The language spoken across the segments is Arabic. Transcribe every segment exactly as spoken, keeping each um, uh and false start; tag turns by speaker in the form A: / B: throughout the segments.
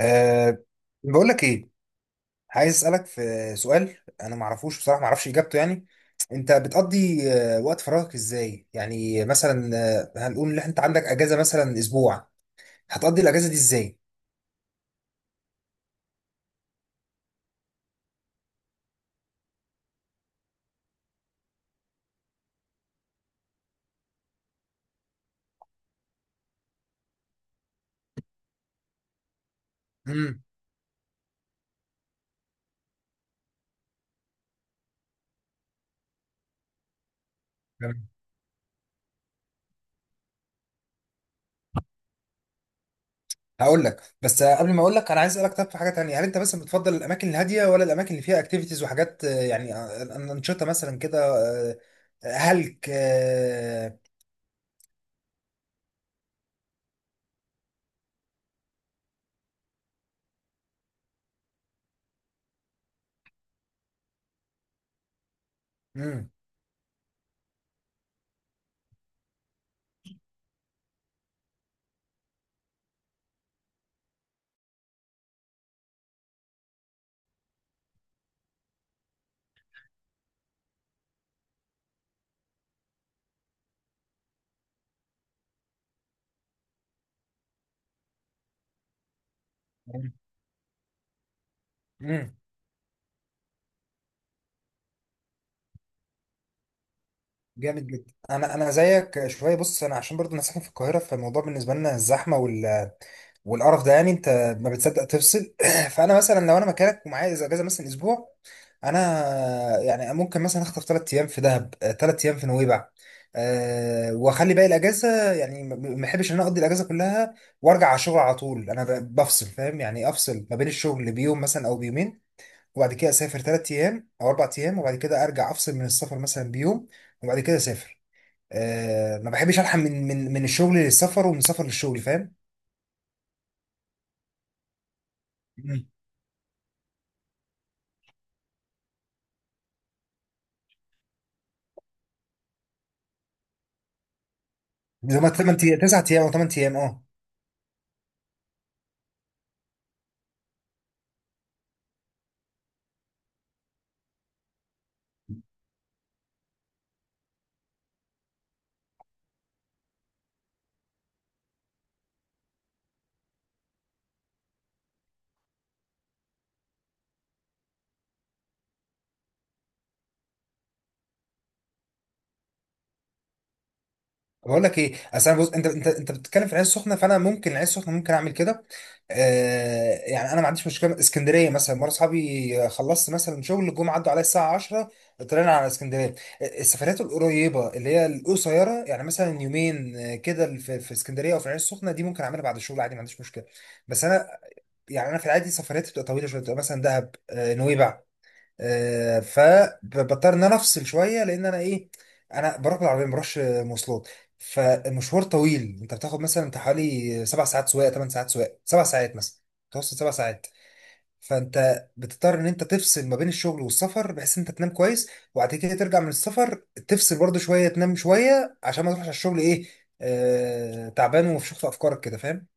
A: أه. بقول لك ايه، عايز اسالك في سؤال. انا ما اعرفوش بصراحه، ما اعرفش اجابته. يعني انت بتقضي آه، وقت فراغك ازاي؟ يعني مثلا آه، هنقول ان انت عندك اجازه مثلا اسبوع، هتقضي الاجازه دي ازاي؟ امم. هقول لك، بس آه، قبل ما اقول لك انا عايز اسالك. طب في حاجه تانية: هل انت مثلا بتفضل الاماكن الهاديه ولا الاماكن اللي فيها اكتيفيتيز وحاجات، آه، يعني آه، انشطه مثلا كده آه، هلك. امم. جامد جدا. انا انا زيك شويه. بص، انا عشان برضو انا ساكن في القاهره، فالموضوع بالنسبه لنا الزحمه وال... والقرف ده، يعني انت ما بتصدق تفصل. فانا مثلا لو انا مكانك ومعايا إذا اجازه مثلا اسبوع، انا يعني ممكن مثلا اخطف ثلاث ايام في دهب، ثلاث ايام في نويبع. أه واخلي باقي الاجازه. يعني ما ما احبش ان انا اقضي الاجازه كلها وارجع على الشغل على طول. انا ب- بفصل، فاهم؟ يعني افصل ما بين الشغل بيوم مثلا او بيومين، وبعد كده اسافر ثلاث ايام او اربع ايام، وبعد كده ارجع افصل من السفر مثلا بيوم، وبعد كده اسافر. آه ما بحبش الحق من من من الشغل للسفر ومن السفر للشغل، فاهم؟ مم. زي ما تمن تسع ايام او تمن ايام، اه. بقول لك ايه، اصل انا بص، انت انت انت بتتكلم في العين السخنه، فانا ممكن العين السخنه ممكن اعمل كده. آه، يعني انا ما عنديش مشكله. اسكندريه مثلا مره اصحابي خلصت مثلا شغل، جم عدوا عليا الساعه عشره، طلعنا على اسكندريه. السفرات القريبه اللي هي القصيره، يعني مثلا يومين آه، كده، في في اسكندريه او في العين السخنه، دي ممكن اعملها بعد الشغل عادي، ما عنديش مشكله. بس انا يعني انا في العادي سفرياتي بتبقى طويله شويه، بتبقى مثلا دهب آه، نويبع، فبضطر ان انا افصل شويه، لان انا ايه، انا بروح بالعربيه ما بروحش مواصلات. فمشوار طويل، انت بتاخد مثلا انت حوالي سبع ساعات سواقه، ثمان ساعات سواقه، سبع ساعات مثلا، متوسط سبع ساعات. فانت بتضطر ان انت تفصل ما بين الشغل والسفر بحيث ان انت تنام كويس، وبعد كده ترجع من السفر تفصل برضه شويه، تنام شويه عشان ما تروحش على الشغل ايه، آه تعبان ومفشوخ في افكارك كده، فاهم؟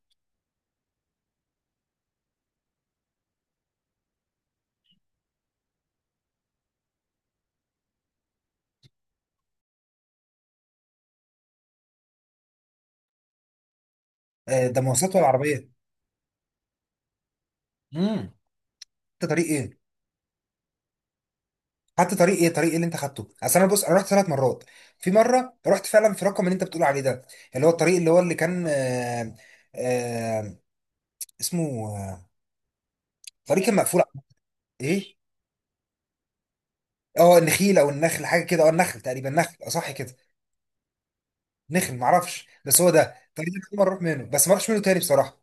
A: آه، ده مواصلات ولا عربيه؟ امم. انت طريق ايه؟ خدت طريق ايه، طريق ايه اللي انت خدته؟ اصل انا بص، انا رحت ثلاث مرات. في مره رحت فعلا في رقم اللي انت بتقول عليه ده، اللي هو الطريق اللي هو اللي كان آه آه اسمه آه، طريق كان مقفول. ايه؟ اه النخيل او النخل حاجه كده، اه النخل تقريبا، نخل اه صح كده. نخل معرفش بس هو ده. الطريق ده كل مره اروح منه، بس ما اروحش منه تاني بصراحه.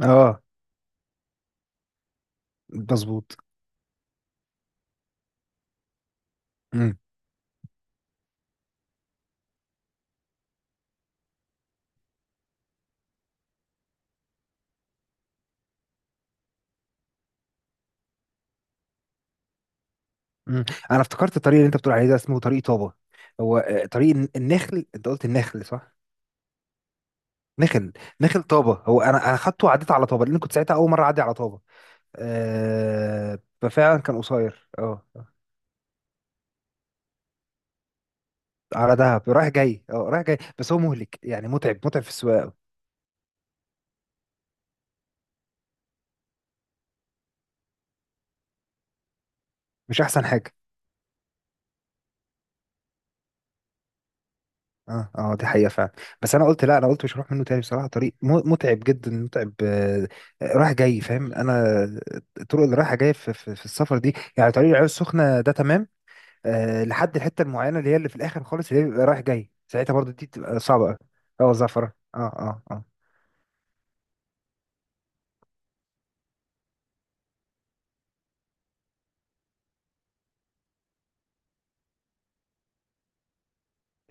A: اه. مظبوط. امم. امم. انا افتكرت الطريق اللي انت بتقول عليه ده اسمه طريق طابة. هو آه، طريق الن- النخل، انت قلت النخل صح؟ نخل. نخل طابه. هو انا انا خدته وعديت على طابه لان كنت ساعتها اول مره اعدي على طابه. أه، ففعلا كان قصير اه. على دهب رايح جاي، اه رايح جاي. بس هو مهلك يعني، متعب، متعب في السواقه أوي. مش احسن حاجه. اه، اه، دي حقيقه فعلا. بس انا قلت لا، انا قلت مش هروح منه تاني بصراحه. طريق م- متعب جدا، متعب، آه رايح جاي، فاهم انا؟ الطرق اللي رايحه جايه في, في, في السفر دي، يعني طريق العين السخنه ده تمام آه لحد الحته المعينه اللي هي اللي في الاخر خالص اللي هي بيبقى رايح جاي ساعتها، برضو دي بتبقى صعبه قوي. اه، زعفرة، اه اه اه.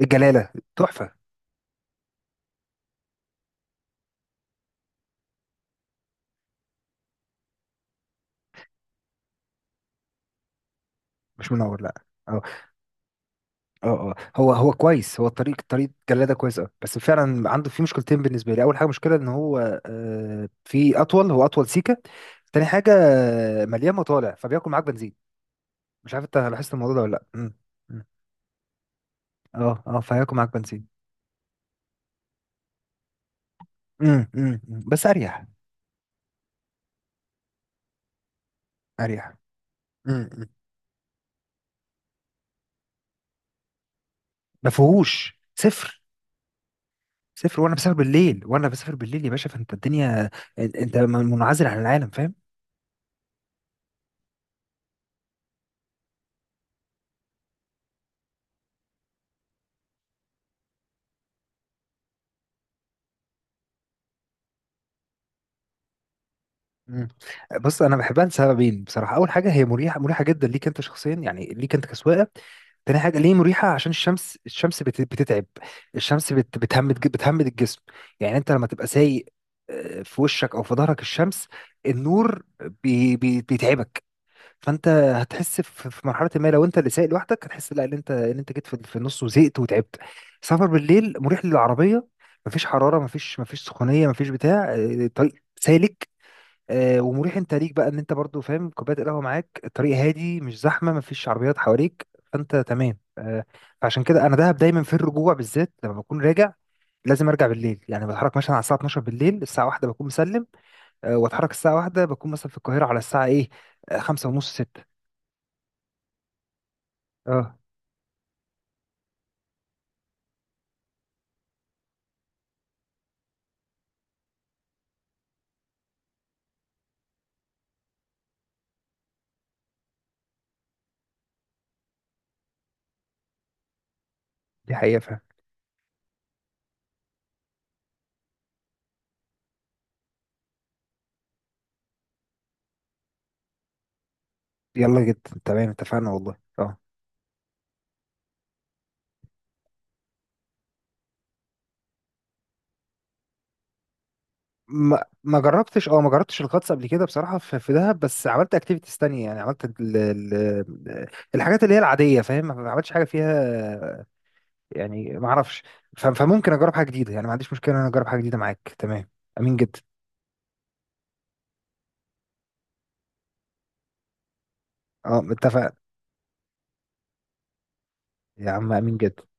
A: الجلاله. تحفه. مش منور، لا. اه اه اه، هو هو كويس، هو الطريق طريق جلاله كويس اه. بس فعلا عنده في مشكلتين بالنسبه لي. اول حاجه مشكله ان هو آه في اطول، هو اطول سيكه. تاني حاجه آه، مليان مطالع، فبياكل معاك بنزين. مش عارف انت لاحظت الموضوع ده ولا لا. مم. مم. اه اه، فهياكل معاك بنزين. مم. مم. مم. بس اريح. اريح. مم. مم. ما فيهوش صفر. سافر، وانا بسافر بالليل، وانا بسافر بالليل يا باشا، فانت الدنيا، انت منعزل عن العالم، فاهم؟ مم. بص انا بحبها لسببين بصراحه. اول حاجه هي مريحه، مريحه جدا ليك انت شخصيا، يعني ليك انت كسواقه. تاني حاجة ليه مريحة، عشان الشمس، الشمس بت- بتتعب. الشمس بت- بتهمد ج- بتهمد الجسم. يعني انت لما تبقى سايق آه، في وشك او في ظهرك الشمس، النور، بي بي بيتعبك. فانت هتحس في في مرحله ما، لو انت اللي سايق لوحدك هتحس لا ان انت ان انت جيت في في النص وزهقت وتعبت. سفر بالليل مريح للعربيه، مفيش حراره، مفيش مفيش سخونيه، مفيش بتاع آه، طريق سالك آه، ومريح. انت ليك بقى ان انت برضو فاهم، كوبايه القهوه معاك، الطريق هادي، مش زحمه، مفيش عربيات حواليك، فانت تمام آه، فعشان كده انا دهب دايما في الرجوع بالذات. لما بكون راجع لازم ارجع بالليل، يعني بتحرك مثلا على الساعه الاتناشر بالليل، الساعه واحدة بكون مسلم آه، واتحرك. الساعه واحدة بكون مثلا في القاهره على الساعه ايه، خمسه ونص سته. اه، دي حقيقة فعلا. يلا جدا تمام، اتفقنا والله، اه. ما ما جربتش، اه ما جربتش الغطس قبل كده بصراحة في, في دهب، بس عملت اكتيفيتيز تانية. يعني عملت ال ال الحاجات اللي هي العادية، فاهم؟ ما عملتش حاجة فيها، يعني ما اعرفش. ف- فممكن اجرب حاجة جديدة، يعني ما عنديش مشكلة ان انا اجرب حاجة جديدة معاك، تمام. امين جدا. اه اتفقنا. يا عم امين جدا.